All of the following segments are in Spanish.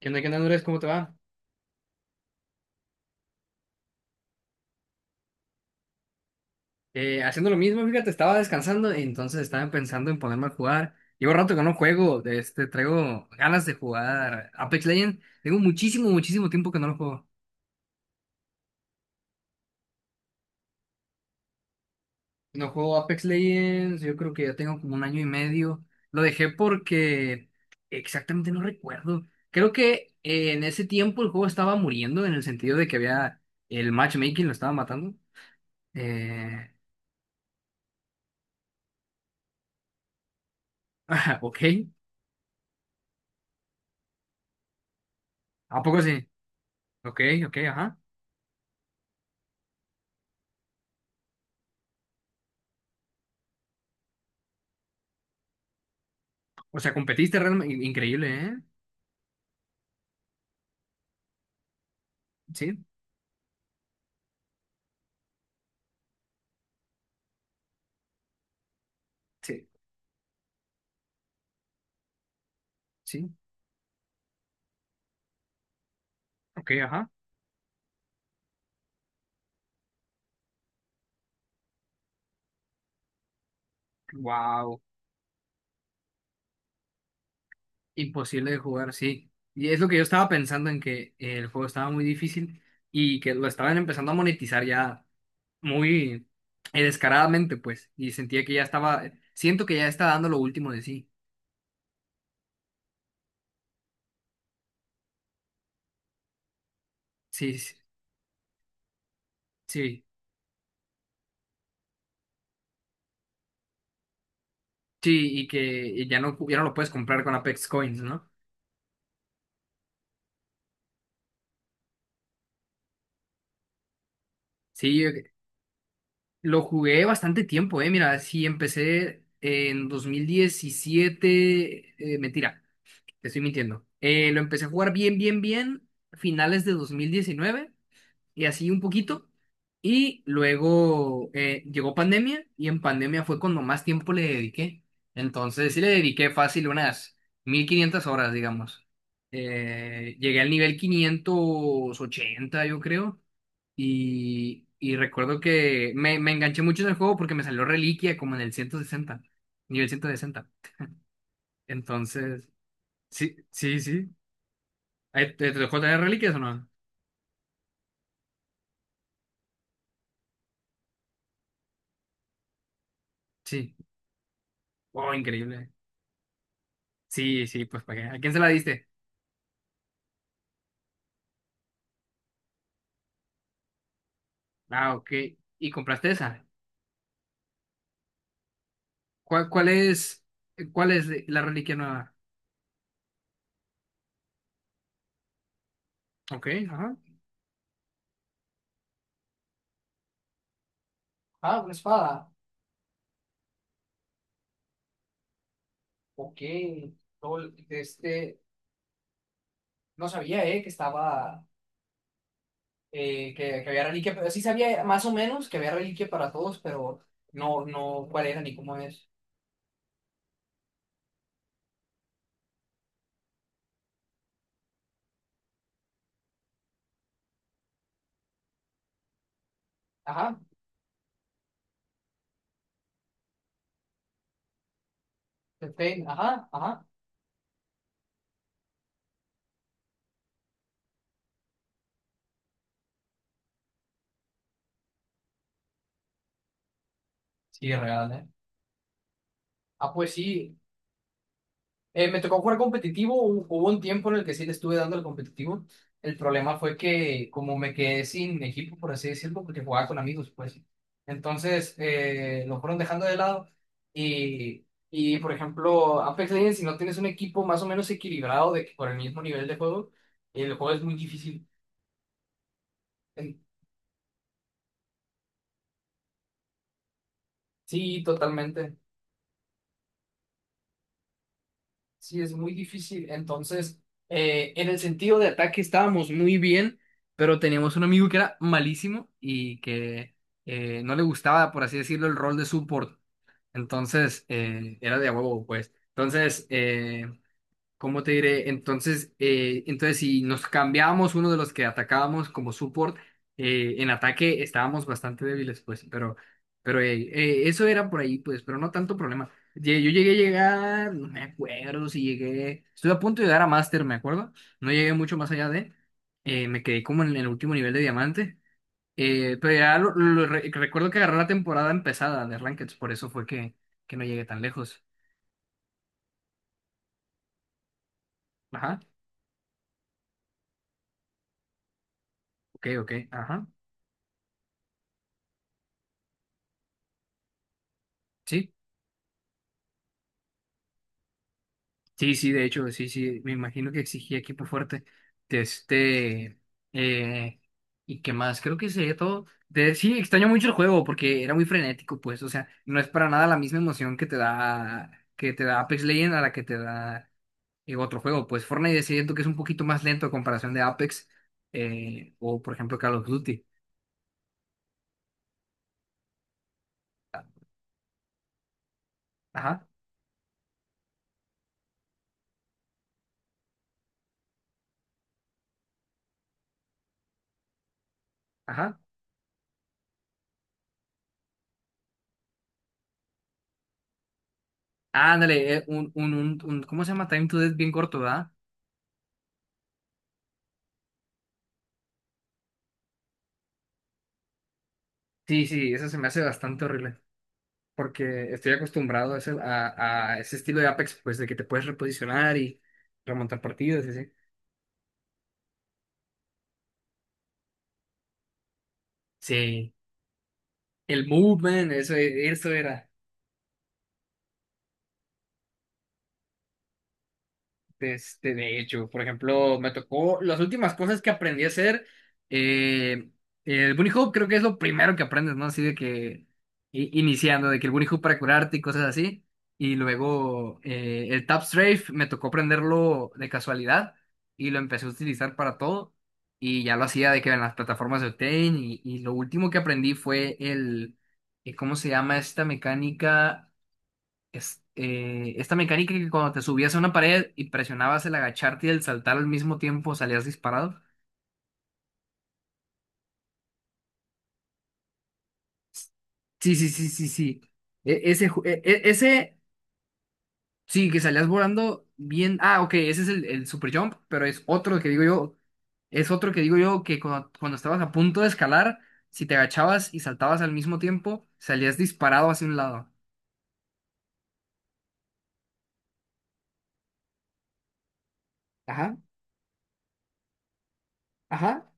Qué onda, Andrés? ¿Cómo te va? Haciendo lo mismo, fíjate, estaba descansando, entonces estaba pensando en ponerme a jugar. Llevo rato que no juego, este, traigo ganas de jugar Apex Legends. Tengo muchísimo, muchísimo tiempo que no lo juego. No juego Apex Legends, yo creo que ya tengo como un año y medio. Lo dejé porque exactamente no recuerdo. Creo que en ese tiempo el juego estaba muriendo en el sentido de que había el matchmaking lo estaba matando. Eh, ok, ¿a poco sí? Ok, ok, ajá. O sea, competiste realmente increíble, ¿eh? Sí, sí, sí. Ok, ajá. Wow. Imposible de jugar, sí. Y es lo que yo estaba pensando en que el juego estaba muy difícil y que lo estaban empezando a monetizar ya muy descaradamente, pues. Y sentía que ya estaba, siento que ya está dando lo último de sí. Sí, sí, sí. Sí, y que ya no, ya no lo puedes comprar con Apex Coins, ¿no? Sí, lo jugué bastante tiempo, eh. Mira, sí, empecé en 2017. Mentira, te estoy mintiendo. Lo empecé a jugar bien, bien, bien, finales de 2019 y así un poquito. Y luego llegó pandemia y en pandemia fue cuando más tiempo le dediqué. Entonces sí le dediqué fácil unas 1500 horas, digamos. Llegué al nivel 580, yo creo. Y recuerdo que me enganché mucho en el juego porque me salió Reliquia como en el 160 nivel ciento sesenta. Entonces, sí, sí, sí. Ahí, ¿te, te dejó tener Reliquias o no? Sí. Oh, increíble. Sí, sí, pues ¿para qué? ¿A quién se la diste? Ah, ok. ¿Y compraste esa? ¿Cuál es, cuál es la Reliquia nueva? Ok, ajá. Ah, una espada. Ok. Lol, este, no sabía, que estaba. Que había reliquia, pero sí sabía más o menos que había reliquia para todos, pero no, no cuál era ni cómo es. Ajá, Pepe, ajá, ajá. Sí, real, ¿eh? Ah, pues sí. Me tocó jugar competitivo, hubo un tiempo en el que sí le estuve dando el competitivo. El problema fue que como me quedé sin equipo, por así decirlo, porque jugaba con amigos, pues. Entonces lo fueron dejando de lado y, por ejemplo, Apex Legends, si no tienes un equipo más o menos equilibrado de, por el mismo nivel de juego, el juego es muy difícil. En- Sí, totalmente. Sí, es muy difícil. Entonces, en el sentido de ataque estábamos muy bien, pero teníamos un amigo que era malísimo y que no le gustaba, por así decirlo, el rol de support. Entonces, era de a huevo, pues. ¿Cómo te diré? Entonces, entonces si nos cambiábamos uno de los que atacábamos como support, en ataque estábamos bastante débiles, pues, pero eso era por ahí, pues, pero no tanto problema. Yo llegué a llegar, no me acuerdo si llegué, estuve a punto de llegar a Master, me acuerdo, no llegué mucho más allá de, me quedé como en el último nivel de diamante, pero ya lo recuerdo que agarré la temporada empezada de Rankeds, por eso fue que no llegué tan lejos. Ajá, ok, ok, ajá. Sí. Sí, sí, de hecho, sí, sí, me imagino que exigía equipo fuerte. De este, eh, ¿y qué más? Creo que sería todo. De, sí, extraño mucho el juego porque era muy frenético, pues, o sea, no es para nada la misma emoción que te da Apex Legends a la que te da otro juego. Pues Fortnite siento que es un poquito más lento a comparación de Apex o, por ejemplo, Call of Duty. Ajá, ajá. Ándale, ¿cómo se llama? Time to Death bien corto, ¿verdad? Sí, sí, eso se me hace bastante horrible. Porque estoy acostumbrado a ese estilo de Apex, pues de que te puedes reposicionar y remontar partidos, y así. Sí, el movement, eso era. Este, de hecho, por ejemplo, me tocó las últimas cosas que aprendí a hacer. eh, el bunny hoop creo que es lo primero que aprendes, ¿no? Así de que iniciando, de que el bunny hoop para curarte y cosas así. Y luego el tap strafe me tocó aprenderlo de casualidad y lo empecé a utilizar para todo. Y ya lo hacía de que en las plataformas de Octane. Y lo último que aprendí fue el, ¿cómo se llama esta mecánica? Es, esta mecánica que cuando te subías a una pared y presionabas el agacharte y el saltar al mismo tiempo salías disparado. Sí, sí, sí, sí, sí. E- ese, ju- e- e- ese, sí, que salías volando bien. Ah, ok, ese es el super jump, pero es otro que digo yo, es otro que digo yo que cuando, cuando estabas a punto de escalar, si te agachabas y saltabas al mismo tiempo, salías disparado hacia un lado. Ajá, ajá.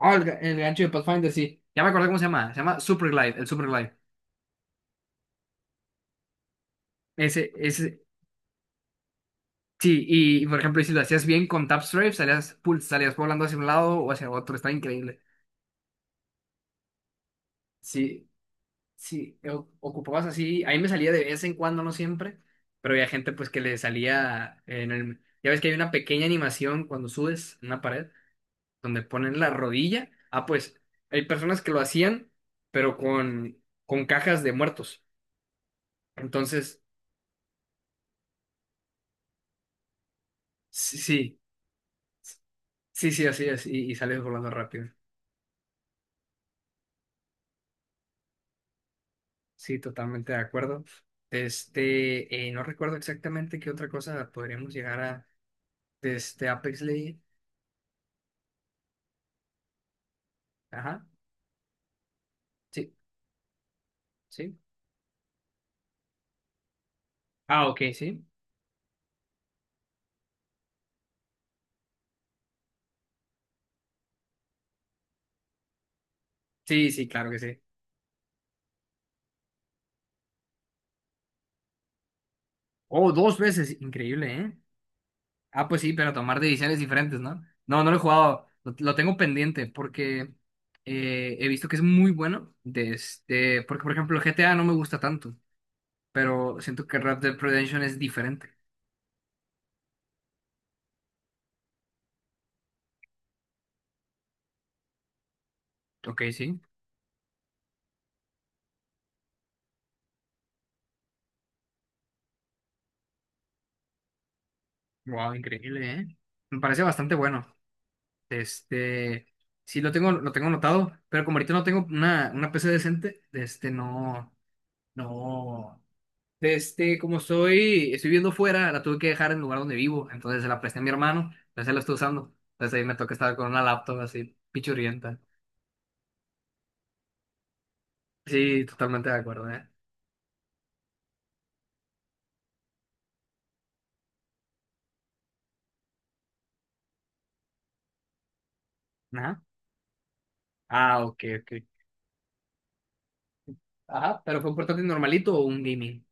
Ah, el, el gancho de Pathfinder, sí. Ya me acordé cómo se llama. Se llama Super Glide, el Super Glide. Ese, ese, Sí, y por ejemplo, y si lo hacías bien con tap strafe, salías volando hacia un lado o hacia otro, estaba increíble. Sí, sí, ocupabas así, ahí me salía de vez en cuando, no siempre, pero había gente pues que le salía en el... Ya ves que hay una pequeña animación cuando subes una pared, donde ponen la rodilla. Ah, pues hay personas que lo hacían, pero con cajas de muertos. Entonces, sí, sí, sí, sí, así es, y sales volando rápido. Sí, totalmente de acuerdo. Este, no recuerdo exactamente qué otra cosa podríamos llegar a, este Apex Legends. Ajá, sí, sí. Ah, ok, sí. Sí, sí, claro que sí. Oh, dos veces, increíble, ¿eh? Ah, pues sí, pero tomar decisiones diferentes, ¿no? No, no lo he jugado, lo tengo pendiente porque he visto que es muy bueno. De este, porque, por ejemplo, GTA no me gusta tanto, pero siento que Red Dead Redemption es diferente. Ok, sí. Wow, increíble, ¿eh? Me parece bastante bueno. Este, sí lo tengo anotado, pero como ahorita no tengo una PC decente, este, no, no, este, como estoy, estoy viviendo fuera, la tuve que dejar en el lugar donde vivo, entonces se la presté a mi hermano, entonces la estoy usando, entonces ahí me toca estar con una laptop así, pichurrienta. Sí, totalmente de acuerdo, ¿eh? Ajá. Ah, ok, ok. Ajá, pero fue un portátil normalito o un gaming.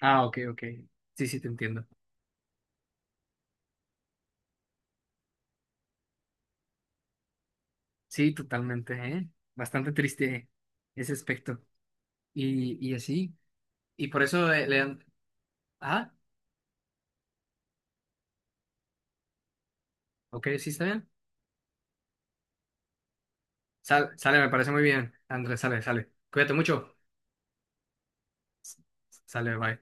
Ah, ok, ok. Sí, sí, te entiendo. Sí, totalmente, ¿eh? Bastante triste ese aspecto. Y así. Y por eso le dan... Ah, ok, sí está bien. Sale, me parece muy bien. Andrés, sale, sale. Cuídate mucho. S- Sale, bye.